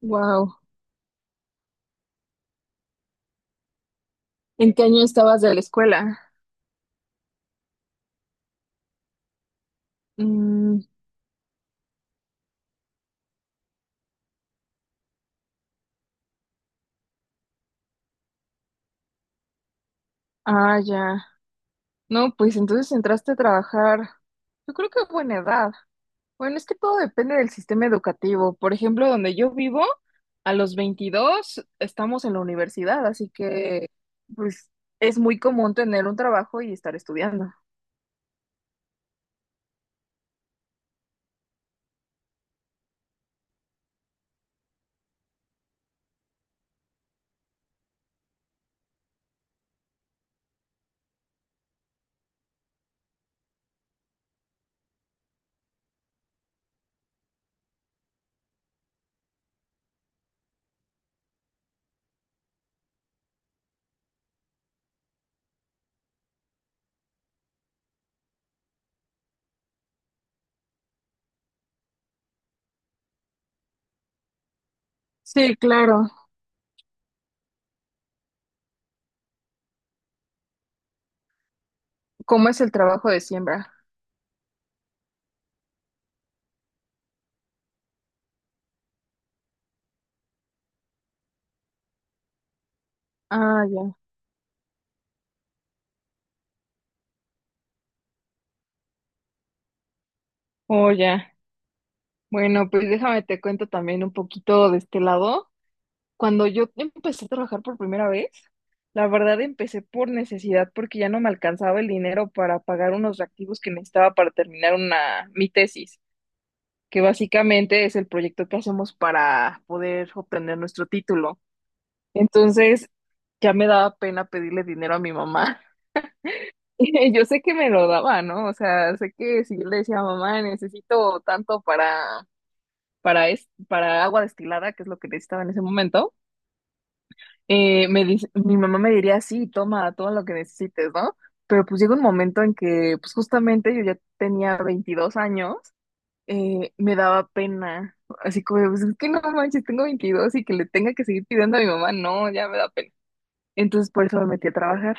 Wow. ¿En qué año estabas de la escuela? Mm, ah, ya. No, pues entonces entraste a trabajar. Yo creo que a buena edad. Bueno, es que todo depende del sistema educativo. Por ejemplo, donde yo vivo, a los 22 estamos en la universidad, así que pues es muy común tener un trabajo y estar estudiando. Sí, claro. ¿Cómo es el trabajo de siembra? Ah, ya. Oh, ya. Bueno, pues déjame te cuento también un poquito de este lado. Cuando yo empecé a trabajar por primera vez, la verdad empecé por necesidad porque ya no me alcanzaba el dinero para pagar unos reactivos que necesitaba para terminar una, mi tesis, que básicamente es el proyecto que hacemos para poder obtener nuestro título. Entonces ya me daba pena pedirle dinero a mi mamá. Y yo sé que me lo daba, ¿no? O sea, sé que si yo le decía, mamá, necesito tanto para, para agua destilada, que es lo que necesitaba en ese momento. Mi mamá me diría, sí, toma todo lo que necesites, ¿no? Pero pues llega un momento en que, pues justamente yo ya tenía 22 años, me daba pena, así como, de, pues es que no manches, tengo 22 y que le tenga que seguir pidiendo a mi mamá, no, ya me da pena. Entonces por eso me metí a trabajar.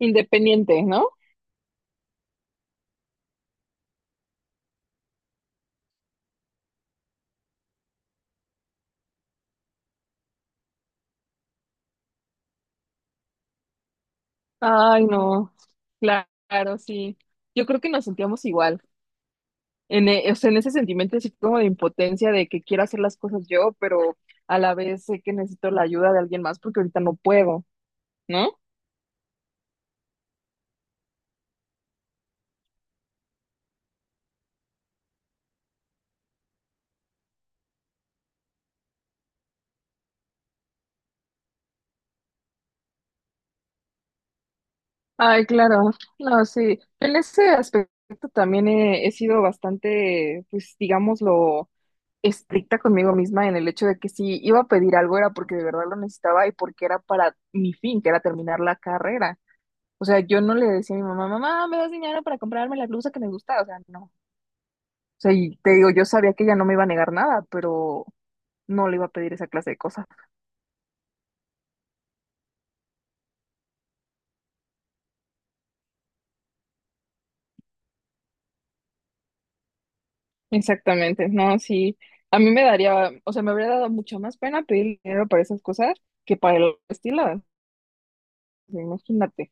Independiente, ¿no? Ay, no, claro, sí. Yo creo que nos sentíamos igual. O sea, en ese sentimiento así como de impotencia de que quiero hacer las cosas yo, pero a la vez sé que necesito la ayuda de alguien más porque ahorita no puedo, ¿no? Ay, claro, no, sí. En ese aspecto también he sido bastante, pues digámoslo, estricta conmigo misma en el hecho de que si iba a pedir algo era porque de verdad lo necesitaba y porque era para mi fin, que era terminar la carrera. O sea, yo no le decía a mi mamá, mamá, ¿me das dinero para comprarme la blusa que me gusta? O sea, no. Sea, y te digo, yo sabía que ella no me iba a negar nada, pero no le iba a pedir esa clase de cosas. Exactamente, no, sí, a mí me daría, o sea, me habría dado mucho más pena pedir dinero para esas cosas que para los estiladas, imagínate.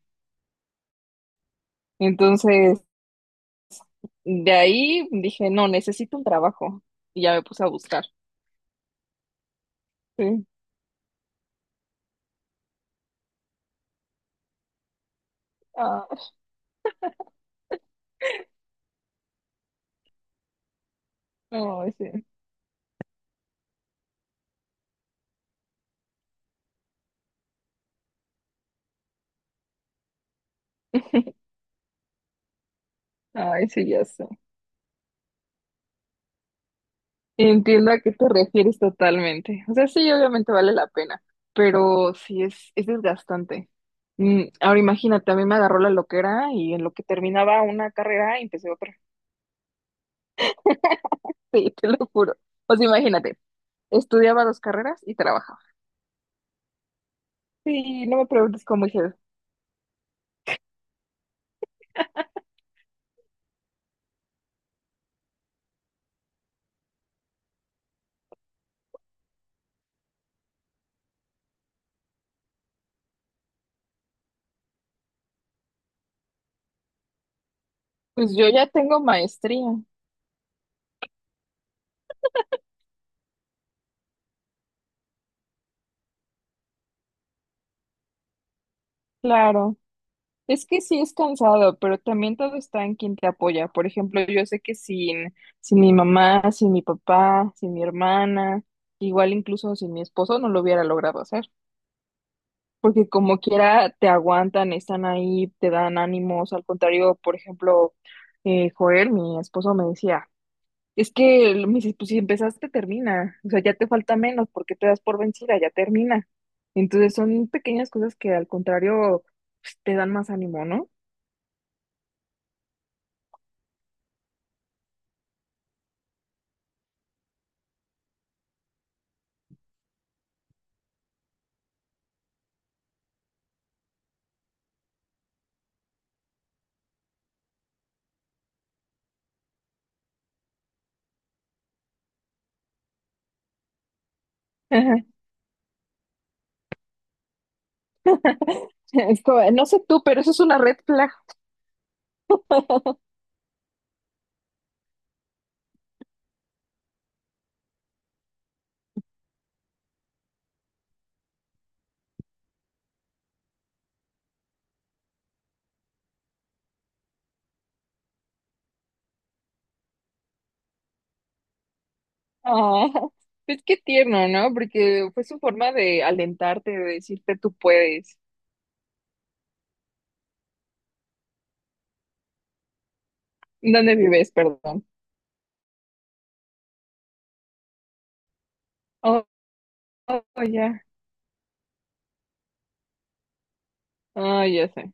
Entonces, de ahí dije, no, necesito un trabajo y ya me puse a buscar. Sí. Ah, no, ese, ay, sí, ya sé. Entiendo a qué te refieres totalmente. O sea, sí, obviamente vale la pena, pero sí es desgastante. Ahora imagínate, a mí me agarró la loquera y en lo que terminaba una carrera empecé otra. Sí, te lo juro. O sea, imagínate, estudiaba dos carreras y trabajaba. Sí, no me preguntes cómo hice. Pues yo ya tengo maestría, claro. Es que sí es cansado, pero también todo está en quien te apoya. Por ejemplo, yo sé que sin, sin mi mamá, sin mi papá, sin mi hermana, igual incluso sin mi esposo, no lo hubiera logrado hacer. Porque como quiera, te aguantan, están ahí, te dan ánimos. Al contrario, por ejemplo, Joel, mi esposo, me decía, me dice, pues si empezaste, termina. O sea, ya te falta menos, ¿porque te das por vencida? Ya termina. Entonces son pequeñas cosas que al contrario, pues, te dan más ánimo, ¿no? Es como, no sé tú, pero eso es una red flag. Ah, pues qué tierno, ¿no? Porque fue su forma de alentarte, de decirte tú puedes. ¿Dónde vives? Perdón. Oh, oh, ya. Ah, ya sé.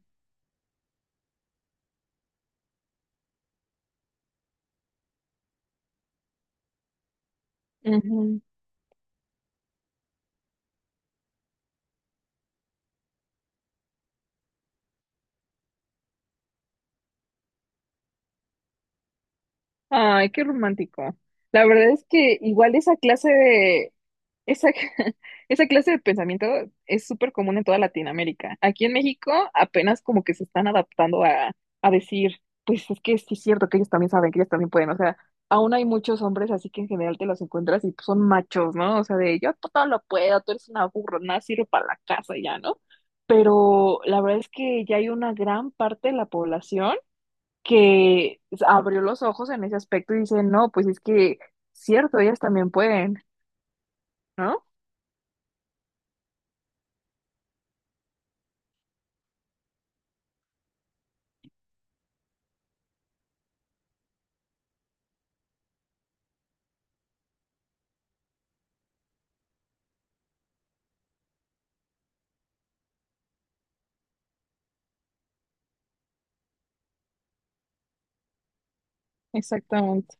Ay, qué romántico. La verdad es que igual esa clase de esa, esa clase de pensamiento es súper común en toda Latinoamérica. Aquí en México apenas como que se están adaptando a decir, pues es que sí es cierto que ellos también saben, que ellos también pueden. O sea, aún hay muchos hombres así que en general te los encuentras y pues, son machos, ¿no? O sea, de yo por todo lo puedo, tú eres una burra, nada sirve para la casa y ya, ¿no? Pero la verdad es que ya hay una gran parte de la población que abrió los ojos en ese aspecto y dice, no, pues es que cierto, ellas también pueden, ¿no? Exactamente.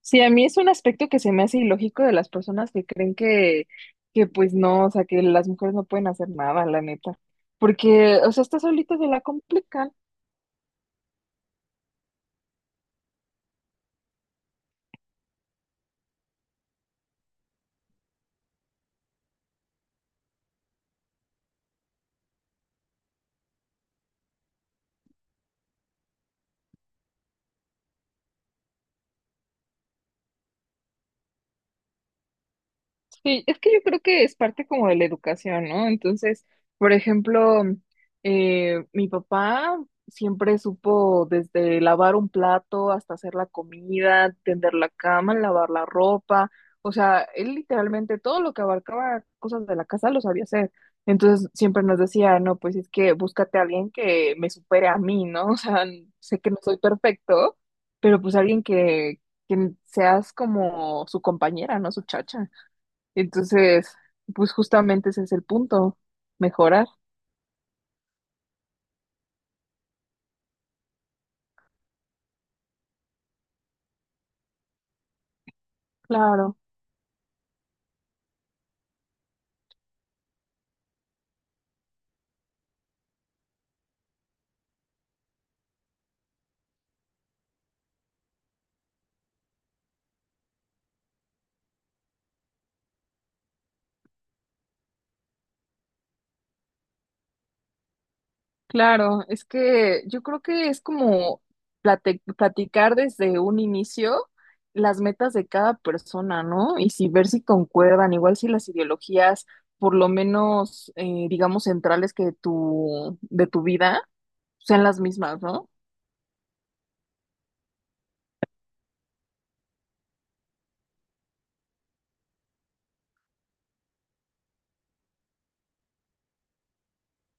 Sí, a mí es un aspecto que se me hace ilógico de las personas que creen que pues no, o sea, que las mujeres no pueden hacer nada, la neta. Porque, o sea, estas solitas se la complican. Sí, es que yo creo que es parte como de la educación, ¿no? Entonces, por ejemplo, mi papá siempre supo desde lavar un plato hasta hacer la comida, tender la cama, lavar la ropa, o sea, él literalmente todo lo que abarcaba cosas de la casa lo sabía hacer. Entonces, siempre nos decía, no, pues es que búscate a alguien que me supere a mí, ¿no? O sea, sé que no soy perfecto, pero pues alguien que seas como su compañera, ¿no? Su chacha. Entonces, pues justamente ese es el punto, mejorar. Claro, claro. Es que yo creo que es como platicar desde un inicio las metas de cada persona, ¿no? Y si ver si concuerdan, igual si las ideologías, por lo menos, digamos, centrales que tu, de tu vida, sean las mismas, ¿no?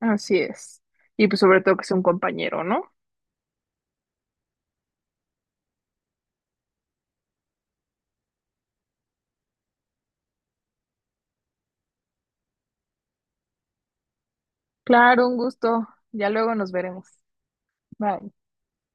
Así es. Y pues sobre todo que sea un compañero, ¿no? Claro, un gusto. Ya luego nos veremos. Bye.